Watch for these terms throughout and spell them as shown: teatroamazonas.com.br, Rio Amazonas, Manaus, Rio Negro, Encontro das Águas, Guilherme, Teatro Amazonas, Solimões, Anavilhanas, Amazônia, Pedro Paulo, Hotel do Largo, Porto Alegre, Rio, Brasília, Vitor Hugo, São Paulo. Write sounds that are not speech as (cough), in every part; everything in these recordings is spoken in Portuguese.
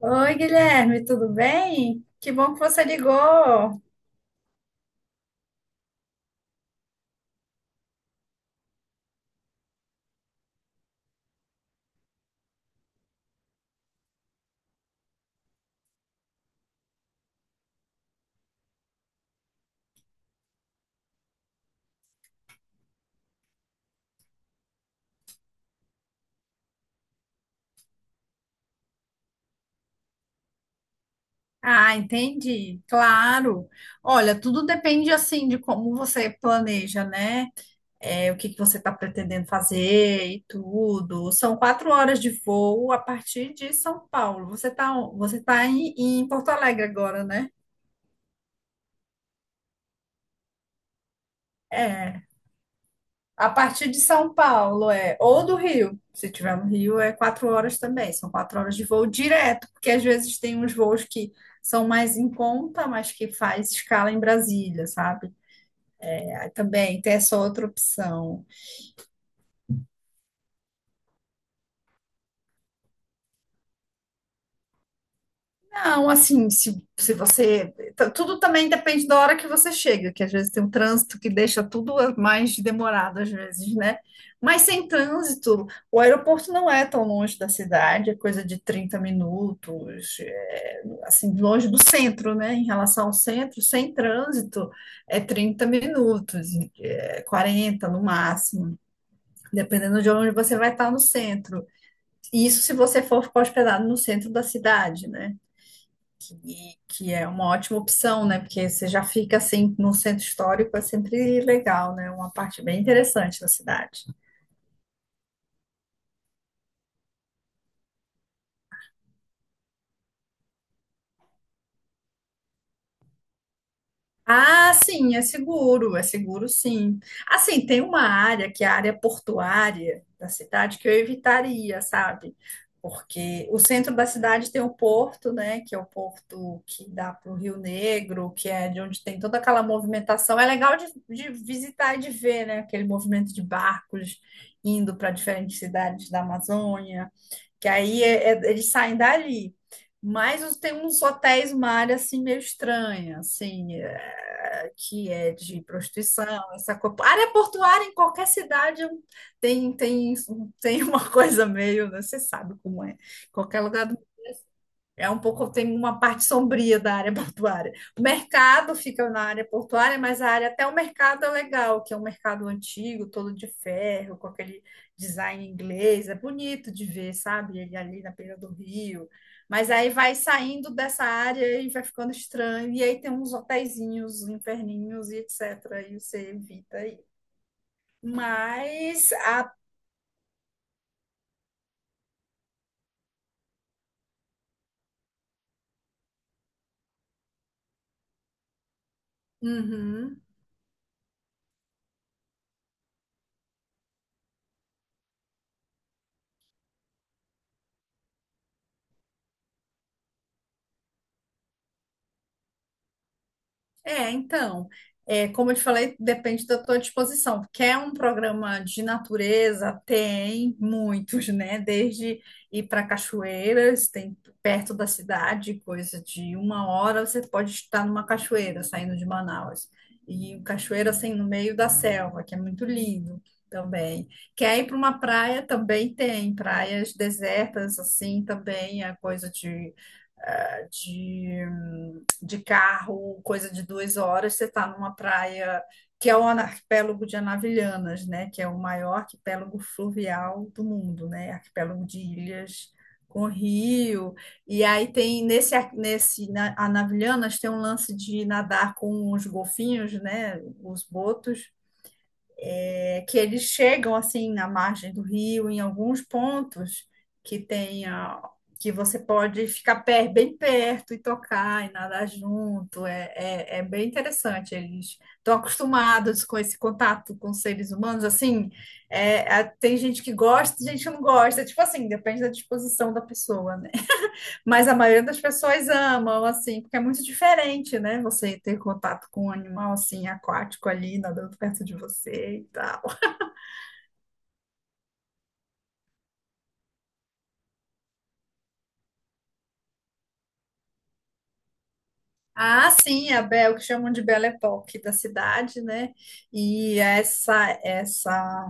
Oi, Guilherme, tudo bem? Que bom que você ligou. Ah, entendi, claro. Olha, tudo depende assim de como você planeja, né? É, o que que você está pretendendo fazer e tudo. São 4 horas de voo a partir de São Paulo. Você tá em Porto Alegre agora, né? É. A partir de São Paulo é, ou do Rio, se tiver no Rio, é quatro horas também, são quatro horas de voo direto, porque às vezes tem uns voos que são mais em conta, mas que faz escala em Brasília, sabe? Aí também tem essa outra opção. Não, assim, se você. Tudo também depende da hora que você chega, que às vezes tem um trânsito que deixa tudo mais demorado, às vezes, né? Mas sem trânsito, o aeroporto não é tão longe da cidade, é coisa de 30 minutos, é, assim, longe do centro, né? Em relação ao centro, sem trânsito, é 30 minutos, é 40 no máximo, dependendo de onde você vai estar no centro. Isso se você for ficar hospedado no centro da cidade, né? Que é uma ótima opção, né? Porque você já fica assim no centro histórico, é sempre legal, né? Uma parte bem interessante da cidade. Ah, sim, é seguro sim. Assim, tem uma área que é a área portuária da cidade que eu evitaria, sabe? Porque o centro da cidade tem o porto, né? Que é o porto que dá para o Rio Negro, que é de onde tem toda aquela movimentação. É legal de visitar e de ver, né? Aquele movimento de barcos indo para diferentes cidades da Amazônia que aí eles saem dali. Mas tem uns hotéis, uma área assim meio estranha, assim, é, que é de prostituição, essa coisa. Área portuária em qualquer cidade tem, tem, tem uma (laughs) coisa meio, né, você sabe como é. Qualquer lugar do é um pouco, tem uma parte sombria da área (laughs) portuária. O mercado fica na área portuária, mas a área até o mercado é legal, que é um mercado antigo, todo de ferro, com aquele design inglês. É bonito de ver, sabe? Ele ali na beira do rio. Mas aí vai saindo dessa área e vai ficando estranho. E aí tem uns hotéisinhos, inferninhos e etc. E você evita aí. Mas a, Uhum. É, então, é, como eu te falei, depende da tua disposição. Quer um programa de natureza? Tem muitos, né? Desde ir para cachoeiras, tem perto da cidade, coisa de uma hora, você pode estar numa cachoeira saindo de Manaus. E cachoeira assim no meio da selva, que é muito lindo também. Quer ir para uma praia? Também tem praias desertas, assim, também é coisa de de, de carro, coisa de 2 horas, você está numa praia que é o arquipélago de Anavilhanas, né? Que é o maior arquipélago fluvial do mundo, né? Arquipélago de ilhas com rio. E aí tem nesse Anavilhanas tem um lance de nadar com os golfinhos, né? Os botos é que eles chegam assim na margem do rio, em alguns pontos que tenha que você pode ficar bem perto e tocar e nadar junto. É bem interessante. Eles estão acostumados com esse contato com seres humanos. Assim, é, tem gente que gosta, gente que não gosta. Tipo assim, depende da disposição da pessoa, né? Mas a maioria das pessoas amam, assim, porque é muito diferente, né? Você ter contato com um animal assim aquático ali nadando perto de você e tal. Ah, sim, a Bel, que chamam de Belle Époque da cidade, né? E essa, essa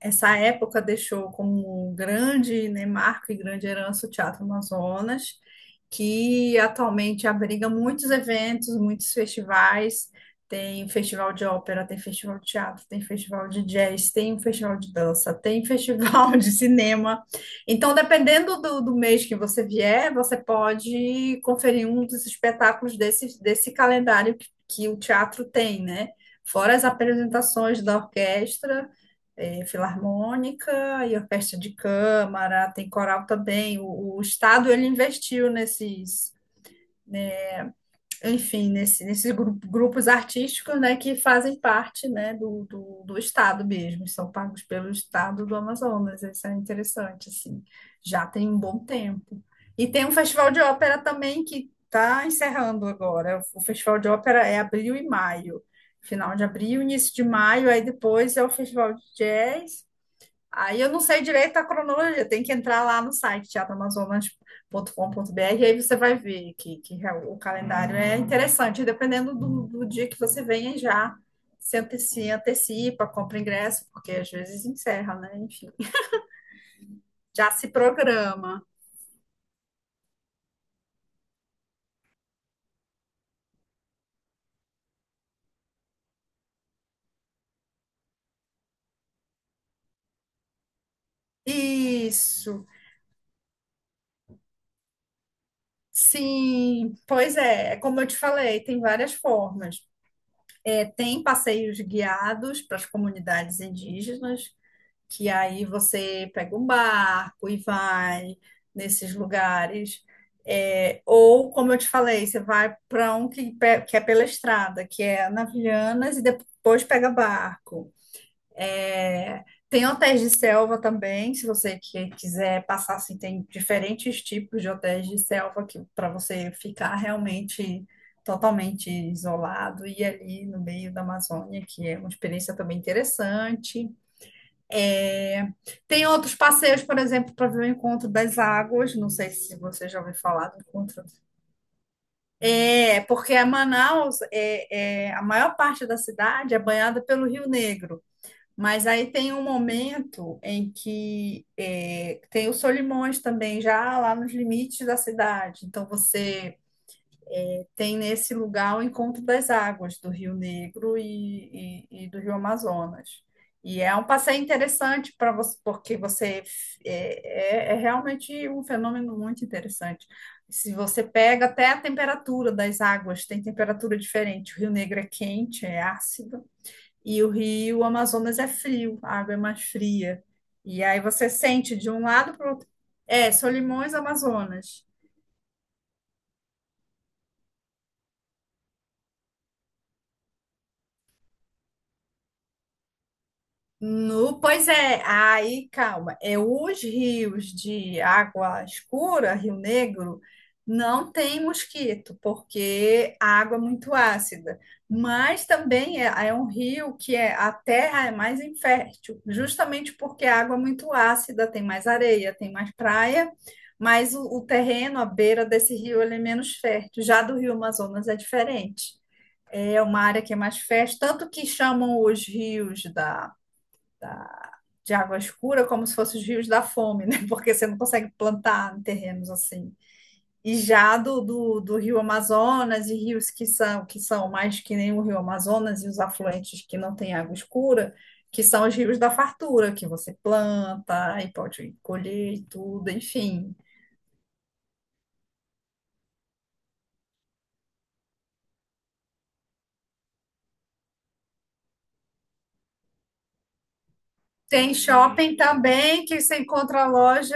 essa época deixou como um grande, né, marco e grande herança o Teatro Amazonas, que atualmente abriga muitos eventos, muitos festivais. Tem festival de ópera, tem festival de teatro, tem festival de jazz, tem festival de dança, tem festival (laughs) de cinema. Então, dependendo do mês que você vier, você pode conferir um dos espetáculos desse calendário que o teatro tem, né? Fora as apresentações da orquestra, eh, filarmônica e orquestra de câmara, tem coral também. O Estado ele investiu nesses, enfim, nesses grupos artísticos, né, que fazem parte, né, do Estado mesmo, são pagos pelo Estado do Amazonas. Isso é interessante, assim. Já tem um bom tempo. E tem um festival de ópera também que está encerrando agora. O festival de ópera é abril e maio. Final de abril, início de maio, aí depois é o festival de jazz, aí eu não sei direito a cronologia, tem que entrar lá no site teatroamazonas.com.br, aí você vai ver que o calendário é interessante, dependendo do dia que você venha já se antecipa, compra ingresso, porque às vezes encerra, né? Enfim, já se programa. Isso. Sim, pois é, é como eu te falei, tem várias formas. É, tem passeios guiados para as comunidades indígenas, que aí você pega um barco e vai nesses lugares. É, ou, como eu te falei, você vai para um que é pela estrada, que é Navilhanas, e depois pega barco. É, tem hotéis de selva também, se você quiser passar, assim, tem diferentes tipos de hotéis de selva que para você ficar realmente totalmente isolado e ali no meio da Amazônia, que é uma experiência também interessante. Tem outros passeios, por exemplo, para ver o Encontro das Águas. Não sei se você já ouviu falar do Encontro. É, porque a Manaus, é, é- a maior parte da cidade é banhada pelo Rio Negro. Mas aí tem um momento em que é, tem o Solimões também, já lá nos limites da cidade. Então você tem nesse lugar o encontro das águas do Rio Negro e, e do Rio Amazonas. E é um passeio interessante para você, porque você é realmente um fenômeno muito interessante. Se você pega até a temperatura das águas, tem temperatura diferente. O Rio Negro é quente, é ácido, e o Rio Amazonas é frio, a água é mais fria. E aí você sente de um lado para o outro. É, Solimões, Amazonas. No, pois é, aí calma, é os rios de água escura, Rio Negro, não tem mosquito, porque a água é muito ácida, mas também é, é um rio que é, a terra é mais infértil, justamente porque a água é muito ácida, tem mais areia, tem mais praia, mas o terreno à beira desse rio ele é menos fértil, já do Rio Amazonas é diferente. É uma área que é mais fértil, tanto que chamam os rios da de água escura, como se fossem os rios da fome, né? (laughs) Porque você não consegue plantar em terrenos assim. E já do Rio Amazonas e rios que são mais que nem o Rio Amazonas e os afluentes que não têm água escura, que são os rios da fartura, que você planta e pode colher e tudo, enfim. Tem shopping também, que você encontra loja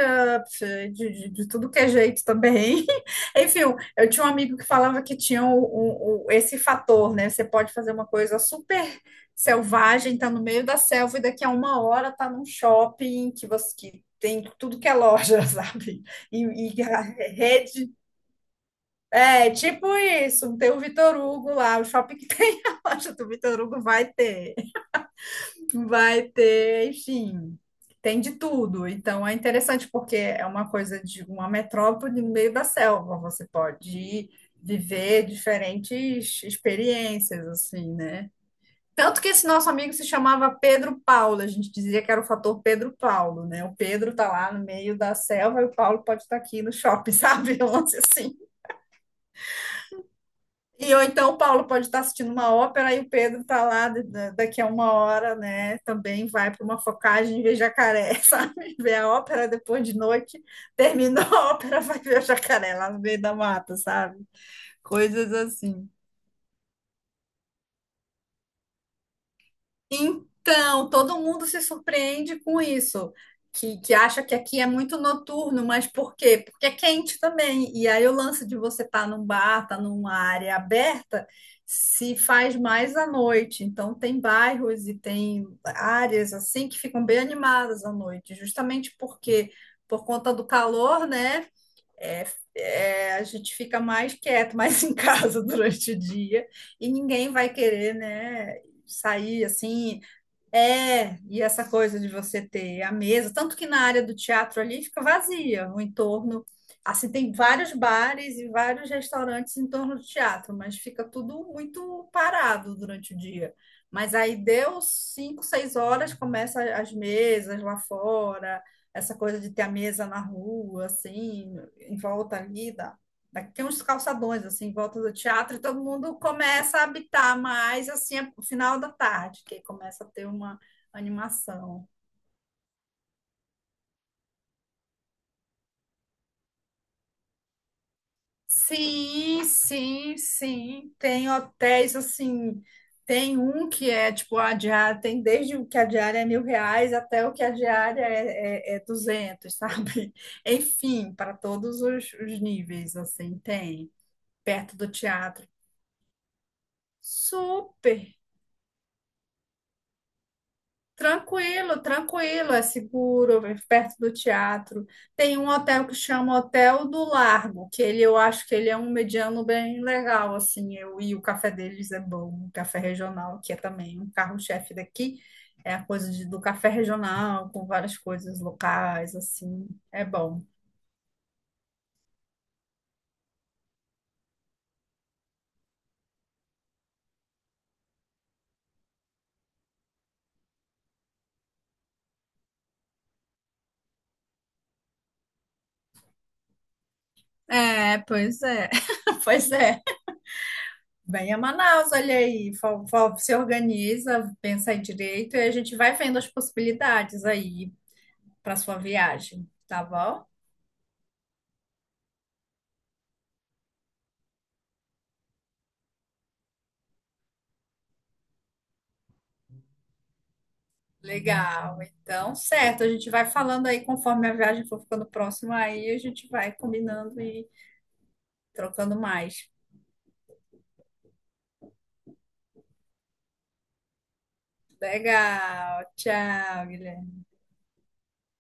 de tudo que é jeito também. (laughs) Enfim, eu tinha um amigo que falava que tinha esse fator, né? Você pode fazer uma coisa super selvagem, tá no meio da selva e daqui a uma hora tá num shopping que você que tem tudo que é loja, (laughs) sabe? E a rede. É tipo isso, tem o Vitor Hugo lá, o shopping que tem a (laughs) loja do Vitor Hugo vai ter. Vai ter, enfim, tem de tudo. Então é interessante porque é uma coisa de uma metrópole no meio da selva. Você pode ir viver diferentes experiências, assim, né? Tanto que esse nosso amigo se chamava Pedro Paulo, a gente dizia que era o fator Pedro Paulo, né? O Pedro tá lá no meio da selva e o Paulo pode estar aqui no shopping, (laughs) sabe? Um lance assim. E ou então o Paulo pode estar assistindo uma ópera e o Pedro está lá daqui a uma hora, né? Também vai para uma focagem e vê jacaré, (laughs) sabe? Vê a ópera depois de noite, terminou a ópera, (laughs) vai ver o jacaré lá no meio da mata, sabe? Coisas assim. Então, todo mundo se surpreende com isso, que acha que aqui é muito noturno, mas por quê? Porque é quente também. E aí o lance de você estar num bar, estar numa área aberta, se faz mais à noite. Então, tem bairros e tem áreas assim que ficam bem animadas à noite, justamente porque, por conta do calor, né? é- a gente fica mais quieto, mais em casa (laughs) durante o dia, e ninguém vai querer, né? Sair assim, é, e essa coisa de você ter a mesa, tanto que na área do teatro ali fica vazia, o entorno, assim, tem vários bares e vários restaurantes em torno do teatro, mas fica tudo muito parado durante o dia. Mas aí deu cinco, seis horas, começa as mesas lá fora, essa coisa de ter a mesa na rua, assim, em volta ali, daqui tem uns calçadões assim em volta do teatro e todo mundo começa a habitar mais assim no final da tarde, que começa a ter uma animação. Sim, sim, sim. Tem hotéis assim, tem um que é tipo a diária, tem desde o que a diária é R$ 1.000 até o que a diária é 200, sabe? (laughs) Enfim, para todos os níveis, assim, tem perto do teatro. Super! Tranquilo, tranquilo, é seguro, é perto do teatro. Tem um hotel que chama Hotel do Largo, que ele eu acho que ele é um mediano bem legal, assim, eu e o café deles é bom, o café regional, que é também um carro-chefe daqui, é a coisa do café regional, com várias coisas locais, assim, é bom. É, pois é. (laughs) Pois é, venha a Manaus, olha aí, se organiza, pensa aí direito e a gente vai vendo as possibilidades aí para sua viagem, tá bom? Legal. Então, certo, a gente vai falando aí conforme a viagem for ficando próxima aí, a gente vai combinando e trocando mais. Legal. Tchau, Guilherme.